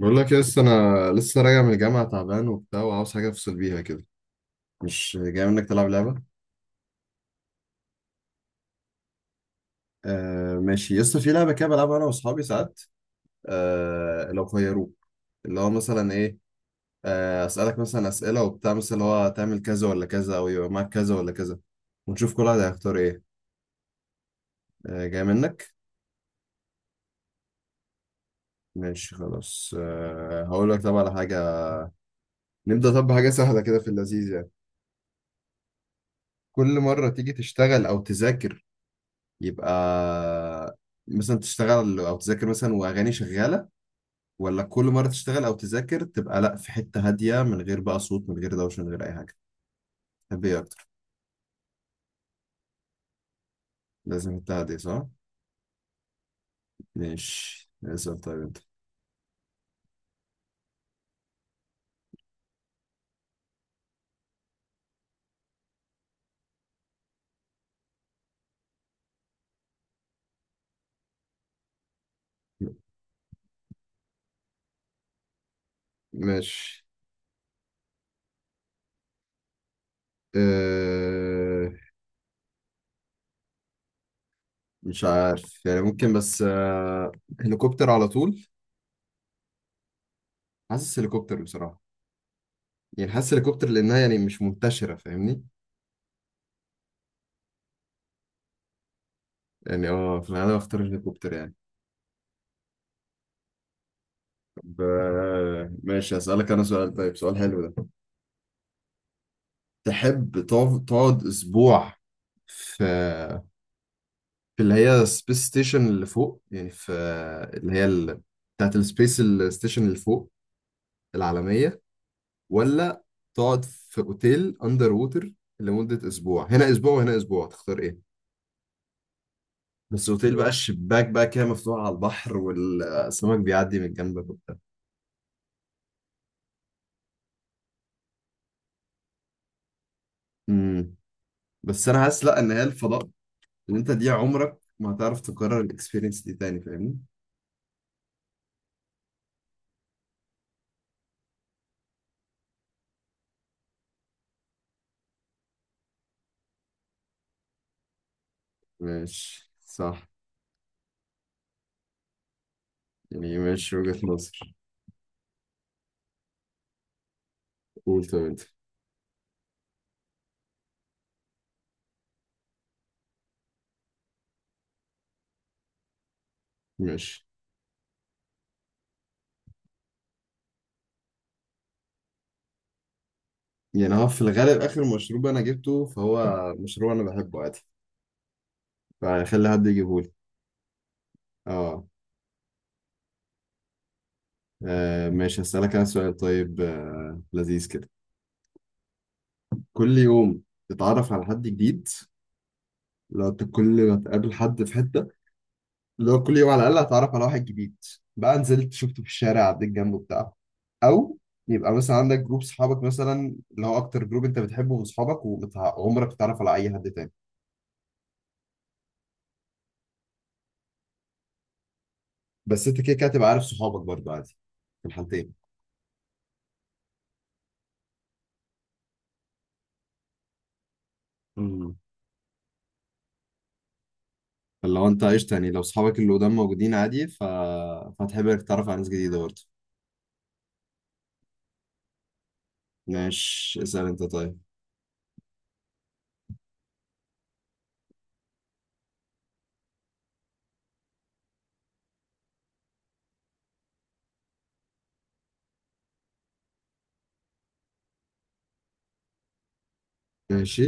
بقول لك لسه انا راجع من الجامعه تعبان وبتاع وعاوز حاجه افصل بيها كده. مش جاي منك تلعب لعبه؟ آه ماشي، لسه في لعبه كده بلعبها انا واصحابي ساعات. آه، لو خيروك. اللي هو مثلا ايه؟ آه اسالك مثلا اسئله وبتاع، مثلا اللي هو تعمل كذا ولا كذا، او يبقى معاك كذا ولا كذا، ونشوف كل واحد هيختار ايه. آه جاي منك. ماشي خلاص، آه هقول لك، طب على حاجه نبدا، طب بحاجه سهله كده في اللذيذ يعني. كل مره تيجي تشتغل او تذاكر يبقى مثلا تشتغل او تذاكر مثلا واغاني شغاله، ولا كل مره تشتغل او تذاكر تبقى لا في حته هاديه، من غير بقى صوت، من غير دوشه، من غير اي حاجه. تحب ايه اكتر؟ لازم حته هاديه، صح؟ ماشي، اسال طيب انت. ماشي. أه... مش عارف يعني، ممكن بس هليكوبتر على طول. حاسس هليكوبتر بصراحه، يعني حاسس هليكوبتر لانها يعني مش منتشره، فاهمني؟ يعني اه في الغالب اختار الهليكوبتر يعني. ب... ماشي اسالك انا سؤال طيب، سؤال حلو ده. تحب تقعد اسبوع في في اللي هي سبيس ستيشن اللي فوق، يعني في اللي هي بتاعت السبيس ستيشن اللي فوق العالمية، ولا تقعد في اوتيل اندر ووتر لمدة اسبوع، هنا اسبوع وهنا اسبوع، تختار ايه؟ بس اوتيل بقى الشباك بقى كده مفتوح على البحر والسمك بيعدي من جنبك وبتاع. امم، بس انا حاسس لا، ان هي الفضاء اللي انت دي عمرك ما هتعرف تكرر الاكسبيرينس دي تاني، فاهمني؟ ماشي صح. يعني ماشي وجهة نظر. قول طب انت. ماشي. يعني هو في الغالب آخر مشروب أنا جبته فهو مشروب أنا بحبه عادي، فخلي حد يجيبهولي. اه. آه ماشي، هسألك أنا سؤال طيب، آه لذيذ كده. كل يوم تتعرف على حد جديد، لو انت كل ما تقابل حد في حتة، لو كل يوم على الأقل هتعرف على واحد جديد، بقى نزلت شفته في الشارع عديت جنبه بتاع أو يبقى مثلا عندك جروب صحابك، مثلا اللي هو أكتر جروب أنت بتحبه من صحابك، وعمرك تتعرف على أي حد تاني. بس انت كده كده هتبقى عارف صحابك برضه عادي في الحالتين. امم، فلو انت قشطة، يعني لو صحابك اللي قدام موجودين عادي، فهتحب انك تتعرف على ناس جديدة برضه. ماشي اسأل انت طيب. ماشي.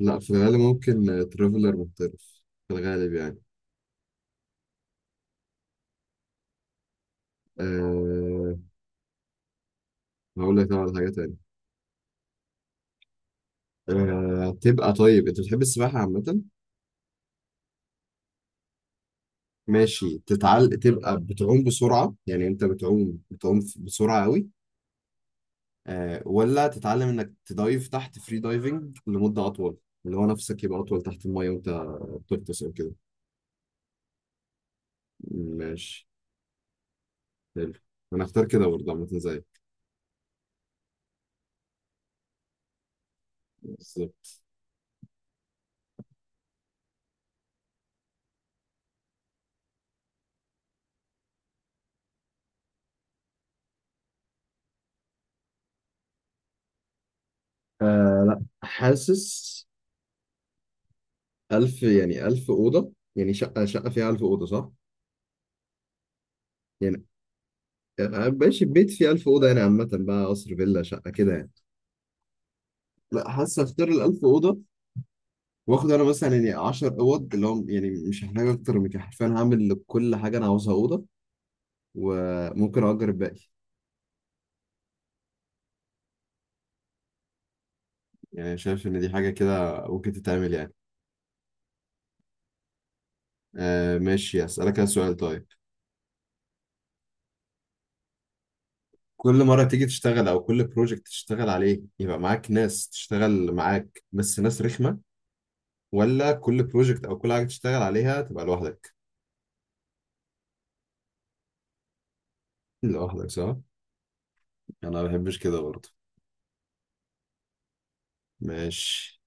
لا في الغالب ممكن ترافلر محترف في الغالب يعني. أه... هقول لك طبعا حاجة تانية. تبقى طيب، انت بتحب السباحة عامة؟ ماشي. تتعل تبقى بتعوم بسرعة، يعني انت بتعوم بتعوم بسرعة قوي، آه، ولا تتعلم انك تدايف تحت فري دايفنج لمدة اطول، اللي هو نفسك يبقى اطول تحت المية وانت بتغطس او كده. ماشي حلو. انا اختار كده برضه عامة زيك. بالظبط. آه لا حاسس، ألف، يعني ألف أوضة، يعني شقة فيها ألف أوضة، صح؟ يعني آه، آه ماشي، بيت فيه ألف أوضة يعني عامة بقى قصر، فيلا، شقة كده يعني. لا حاسس أختار الألف أوضة. واخد انا مثلا يعني 10 اوض اللي هم، يعني مش هحتاج اكتر من كده حرفيا، هعمل لكل حاجه انا عاوزها اوضه وممكن اجر الباقي. يعني شايف إن دي حاجة كده ممكن تتعمل يعني. آه ماشي، أسألك أنا سؤال طيب. كل مرة تيجي تشتغل، أو كل بروجكت تشتغل عليه، يبقى معاك ناس تشتغل معاك بس ناس رخمة، ولا كل بروجكت أو كل حاجة تشتغل عليها تبقى لوحدك؟ لوحدك صح؟ أنا ما بحبش كده برضه. ماشي.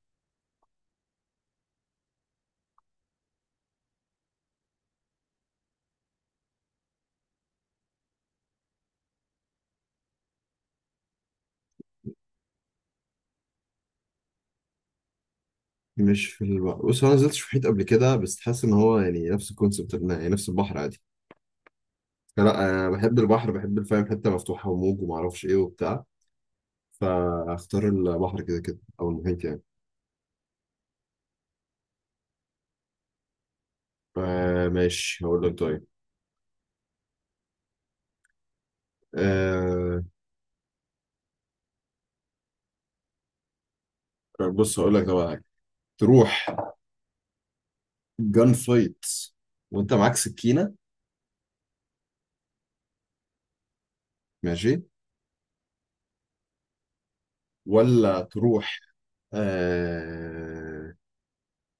مش في البحر. بص، هو أنا ما نزلتش في محيط قبل كده، بس حاسس إن هو يعني نفس الكونسيبت، يعني نفس البحر عادي. لا أنا بحب البحر، بحب الفاهم حتة مفتوحة وموج ومعرفش إيه وبتاع، فاختار البحر كده كده أو المحيط يعني. آه ماشي هقول لك طيب، آه بص هقول لك طبعا حاجة. تروح جان فايت وانت معاك سكينة، ماشي، ولا تروح، آه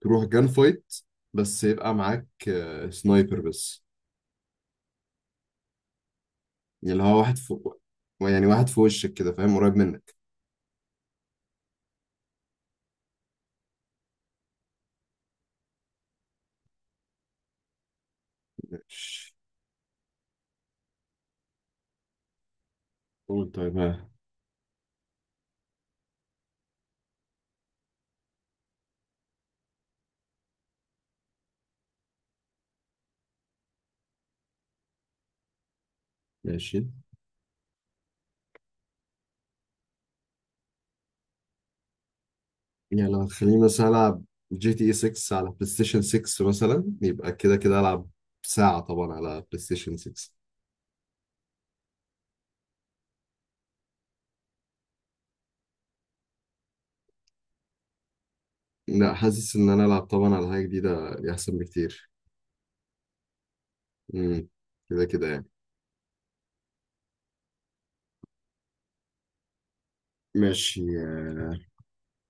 تروح جان فايت بس يبقى معاك آه سنايبر بس. يعني اللي هو واحد فوق، يعني واحد في وشك كده، فاهم؟ قريب منك. ماشي قول طيب، ها. ماشي. يعني لو خليني مثلا العب جي تي اي 6 على بلاي ستيشن 6 مثلا، يبقى كده كده العب ساعة طبعا على بلاي ستيشن 6. لا حاسس ان انا العب طبعا على حاجه جديده احسن بكتير. امم، كده كده يعني. ماشي آه،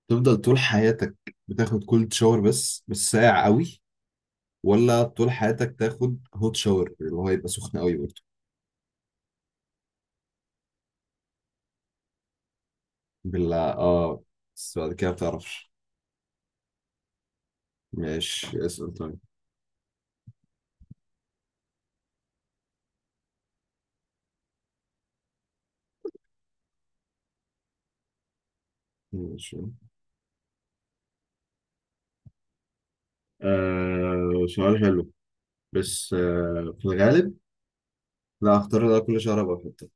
تفضل طول حياتك بتاخد كولد شاور بس، بس ساقع قوي، ولا طول حياتك تاخد هوت شاور اللي هو يبقى سخن قوي برضه؟ بالله اه، بس بعد كده بتعرفش. ماشي اسأل طيب. ماشي. آه سؤال حلو، بس آه في الغالب لا، هختار ده، كل شهر ابقى في حته.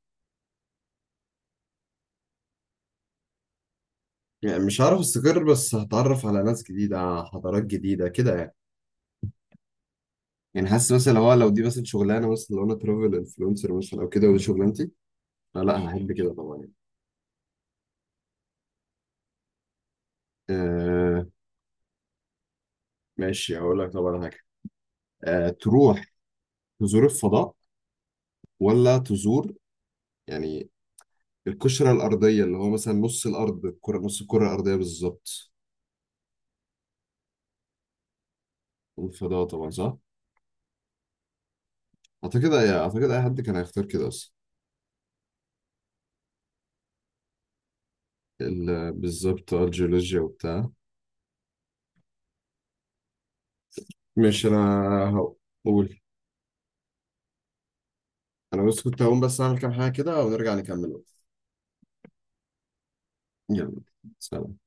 يعني مش هعرف استقر، بس هتعرف على ناس جديده، حضارات جديده كده يعني. يعني حاسس مثلا، لو دي مثلا شغلانه، مثلا لو انا ترافل انفلونسر مثلا او كده ودي شغلانتي، لا لا هحب كده طبعا يعني. آه ماشي، هقول لك طبعا حاجه. آه تروح تزور الفضاء، ولا تزور يعني القشره الارضيه، اللي هو مثلا نص الارض، الكره، نص الكره الارضيه بالظبط. الفضاء طبعا صح. اعتقد اي حد كان هيختار كده اصلا. بالظبط، آه الجيولوجيا وبتاع. ماشي انا. هقول. انا بس كنت هقوم بس اعمل كام حاجه كده ونرجع نكمل. يلا، سلام.